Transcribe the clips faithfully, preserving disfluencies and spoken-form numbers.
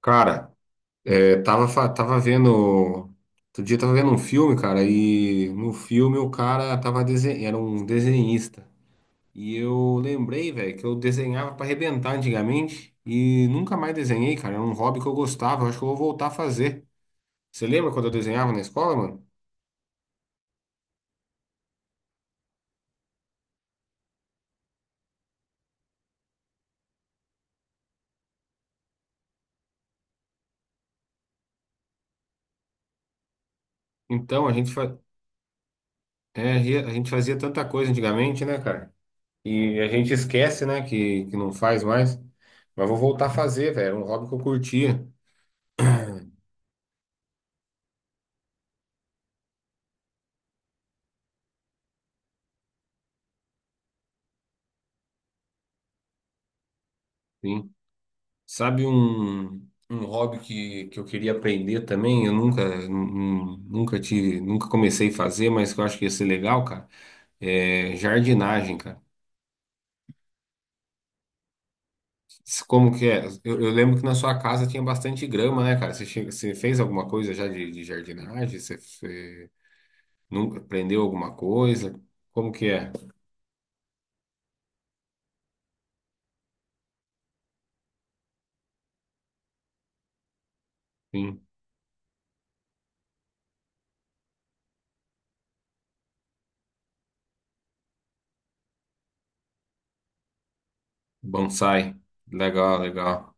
Cara, é, tava, fa- tava vendo. Outro dia tava vendo um filme, cara, e no filme o cara tava desen... era um desenhista. E eu lembrei, velho, que eu desenhava pra arrebentar antigamente e nunca mais desenhei, cara. Era um hobby que eu gostava, eu acho que eu vou voltar a fazer. Você lembra quando eu desenhava na escola, mano? Então, a gente, fa... é, a gente fazia tanta coisa antigamente, né, cara? E a gente esquece, né, que, que não faz mais. Mas vou voltar a fazer, velho. Era um hobby que eu curtia. Sim. Sabe um, um hobby que, que eu queria aprender também? Eu nunca, nun- Nunca tive, nunca comecei a fazer, mas que eu acho que ia ser legal, cara. É jardinagem, cara. S- Como que é? Eu, eu lembro que na sua casa tinha bastante grama, né, cara? Você, chega- você fez alguma coisa já de, de jardinagem? Você, você nunca aprendeu alguma coisa? Como que é? Sim. Bonsai. Legal, legal.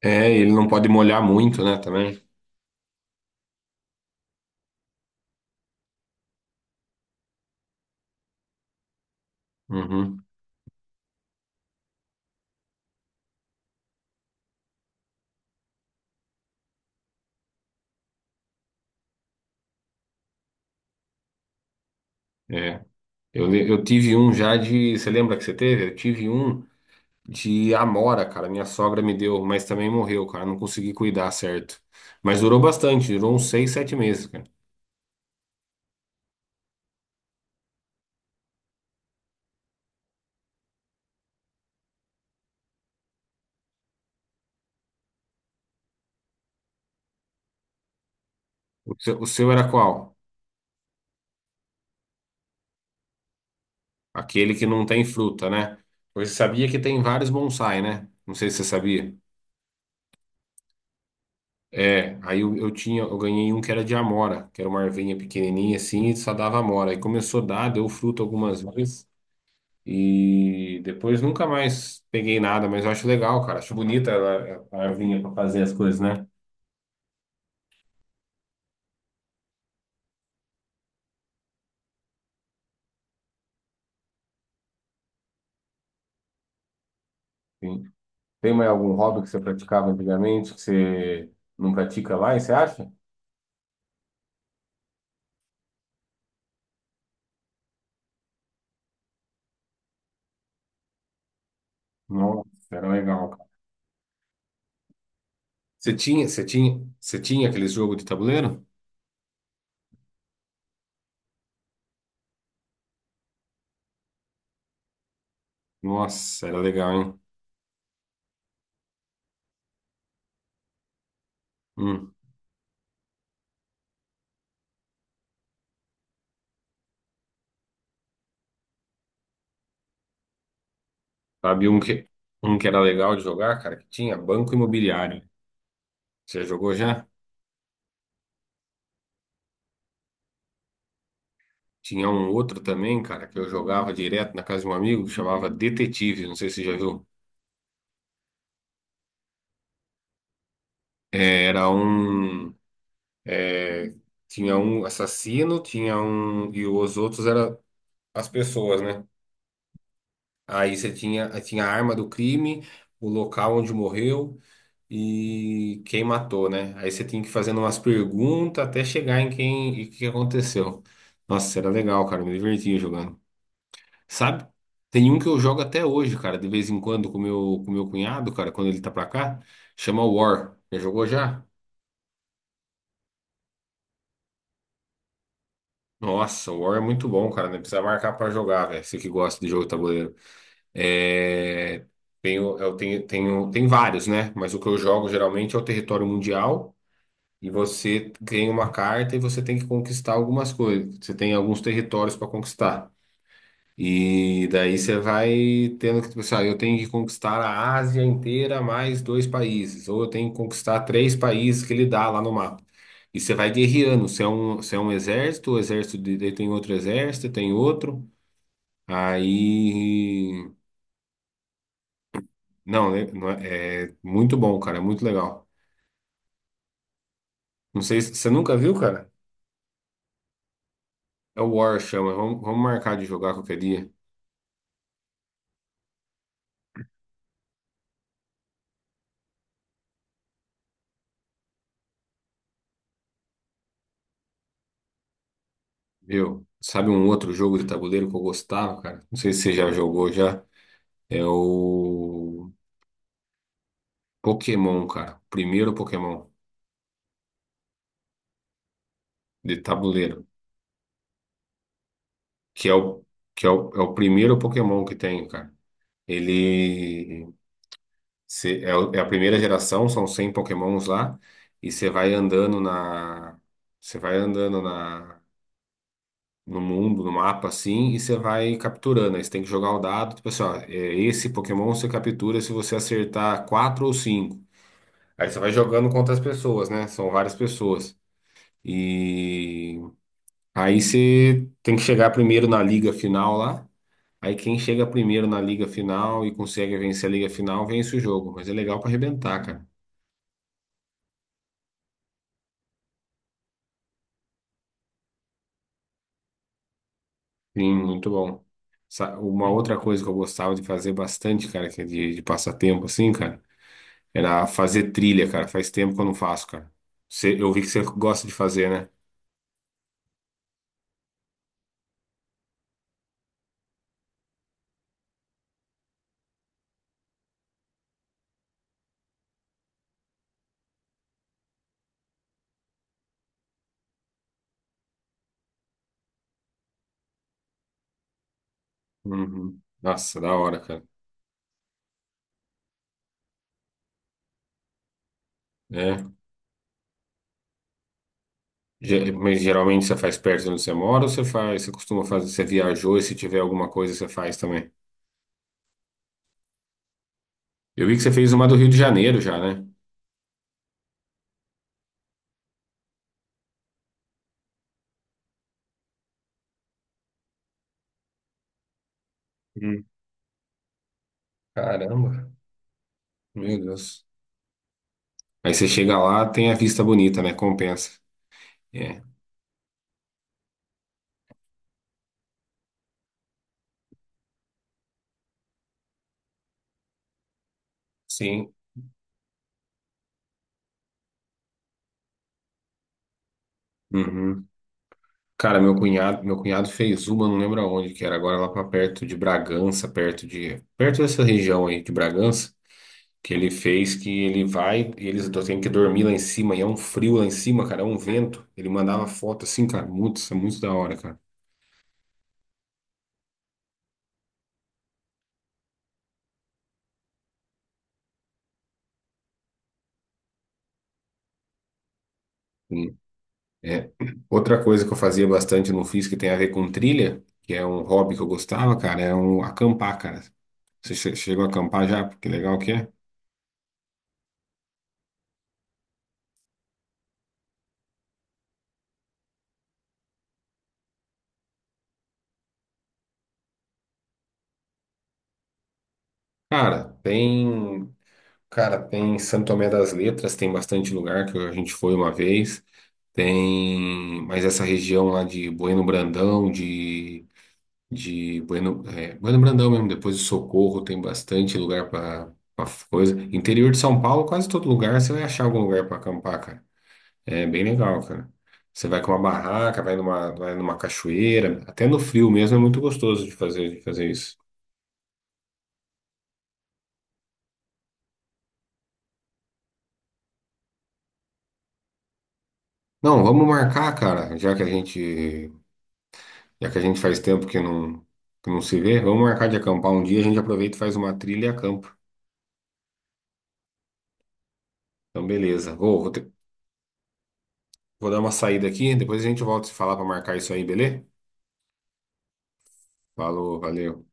É, ele não pode molhar muito, né, também. Uhum. É. Eu, le- eu tive um já de. Você lembra que você teve? Eu tive um de amora, cara. Minha sogra me deu, mas também morreu, cara. Não consegui cuidar certo. Mas durou bastante, durou uns seis, sete meses, cara. O seu, o seu era qual? Aquele que não tem fruta, né? Você sabia que tem vários bonsai, né? Não sei se você sabia. É, aí eu, eu tinha, eu ganhei um que era de amora, que era uma ervinha pequenininha assim e só dava amora. Aí começou a dar, deu fruto algumas vezes. E depois nunca mais peguei nada, mas eu acho legal, cara. Acho bonita ela a arvinha para fazer as coisas, né? Sim. Tem mais algum hobby que você praticava antigamente que você não pratica mais, você acha? Nossa, era legal, cara. Você tinha, você tinha, você tinha aqueles jogos de tabuleiro? Nossa, era legal, hein? Hum. Sabe um que, um que era legal de jogar, cara, que tinha Banco Imobiliário. Você jogou já? Tinha um outro também, cara, que eu jogava direto na casa de um amigo que chamava Detetive, não sei se você já viu. É, era um. é, Tinha um assassino, tinha um. E os outros eram as pessoas, né? Aí você tinha, aí tinha a arma do crime, o local onde morreu e quem matou, né? Aí você tinha que ir fazendo umas perguntas até chegar em quem e o que aconteceu. Nossa, era legal, cara. Me divertia jogando. Sabe? Tem um que eu jogo até hoje, cara, de vez em quando com meu, com meu cunhado, cara, quando ele tá pra cá, chama War. Já jogou já? Nossa, o War é muito bom, cara. Não precisa marcar pra jogar, velho. Você que gosta de jogo de tabuleiro. É... Tenho, eu tenho, tenho, Tem vários, né? Mas o que eu jogo geralmente é o território mundial. E você ganha uma carta e você tem que conquistar algumas coisas. Você tem alguns territórios para conquistar. E daí você vai tendo que pensar, eu tenho que conquistar a Ásia inteira mais dois países, ou eu tenho que conquistar três países que ele dá lá no mapa. E você vai guerreando, você é um, você é um exército, o exército de, daí tem outro exército, tem outro. Aí. Não, né, não é, é muito bom, cara, é muito legal. Não sei se você nunca viu, cara? É o War, chama. Vamos, vamos marcar de jogar qualquer dia, viu? Sabe um outro jogo de tabuleiro que eu gostava, cara? Não sei se você já jogou já. É o. Pokémon, cara. Primeiro Pokémon de tabuleiro, que é o que é o, é o primeiro Pokémon que tem, cara. Ele cê- é, o- É a primeira geração, são cem Pokémons lá, e você vai andando na você vai andando na no mundo, no mapa assim, e você vai capturando. Aí você tem que jogar o dado, tipo assim, ó, é, esse Pokémon você captura se você acertar quatro ou cinco. Aí você vai jogando contra as pessoas, né? São várias pessoas. E aí você tem que chegar primeiro na liga final lá. Aí quem chega primeiro na liga final e consegue vencer a liga final, vence o jogo. Mas é legal para arrebentar, cara. Sim, muito bom. Sa- Uma outra coisa que eu gostava de fazer bastante, cara, que é de, de passatempo, assim, cara, era fazer trilha, cara. Faz tempo que eu não faço, cara. Você- eu vi que você gosta de fazer, né? Uhum. Nossa, da hora, cara. É. Ge- Mas geralmente você faz perto de onde você mora ou você faz, você costuma fazer, você viajou e se tiver alguma coisa você faz também? Eu vi que você fez uma do Rio de Janeiro já, né? Hum. Caramba, meu Deus. Aí você chega lá, tem a vista bonita, né? Compensa. É. Sim. Uhum. Cara, meu cunhado, meu cunhado fez uma, não lembro aonde que era, agora lá pra perto de Bragança, perto de, perto dessa região aí de Bragança, que ele fez que ele vai, e eles do- têm que dormir lá em cima, e é um frio lá em cima, cara, é um vento. Ele mandava foto assim, cara, muito, isso é muito da hora, cara. É. Outra coisa que eu fazia bastante no F I S que tem a ver com trilha, que é um hobby que eu gostava, cara, é um acampar, cara. Você che- chegou a acampar já? Que legal que é. Cara, tem, Cara, tem Santo Tomé das Letras, tem bastante lugar que a gente foi uma vez. Tem, mas essa região lá de Bueno Brandão, de de Bueno, é, Bueno Brandão mesmo, depois de Socorro, tem bastante lugar para coisa. Interior de São Paulo, quase todo lugar você vai achar algum lugar para acampar, cara. É bem legal, cara. Você vai com uma barraca, vai numa, vai numa cachoeira, até no frio mesmo é muito gostoso de fazer, de fazer isso. Não, vamos marcar, cara, já que a gente, já que a gente faz tempo que não, que não se vê, vamos marcar de acampar um dia, a gente aproveita e faz uma trilha e acampa. Então, beleza. Vou, vou, ter- vou dar uma saída aqui, depois a gente volta a se falar para marcar isso aí, beleza? Falou, valeu.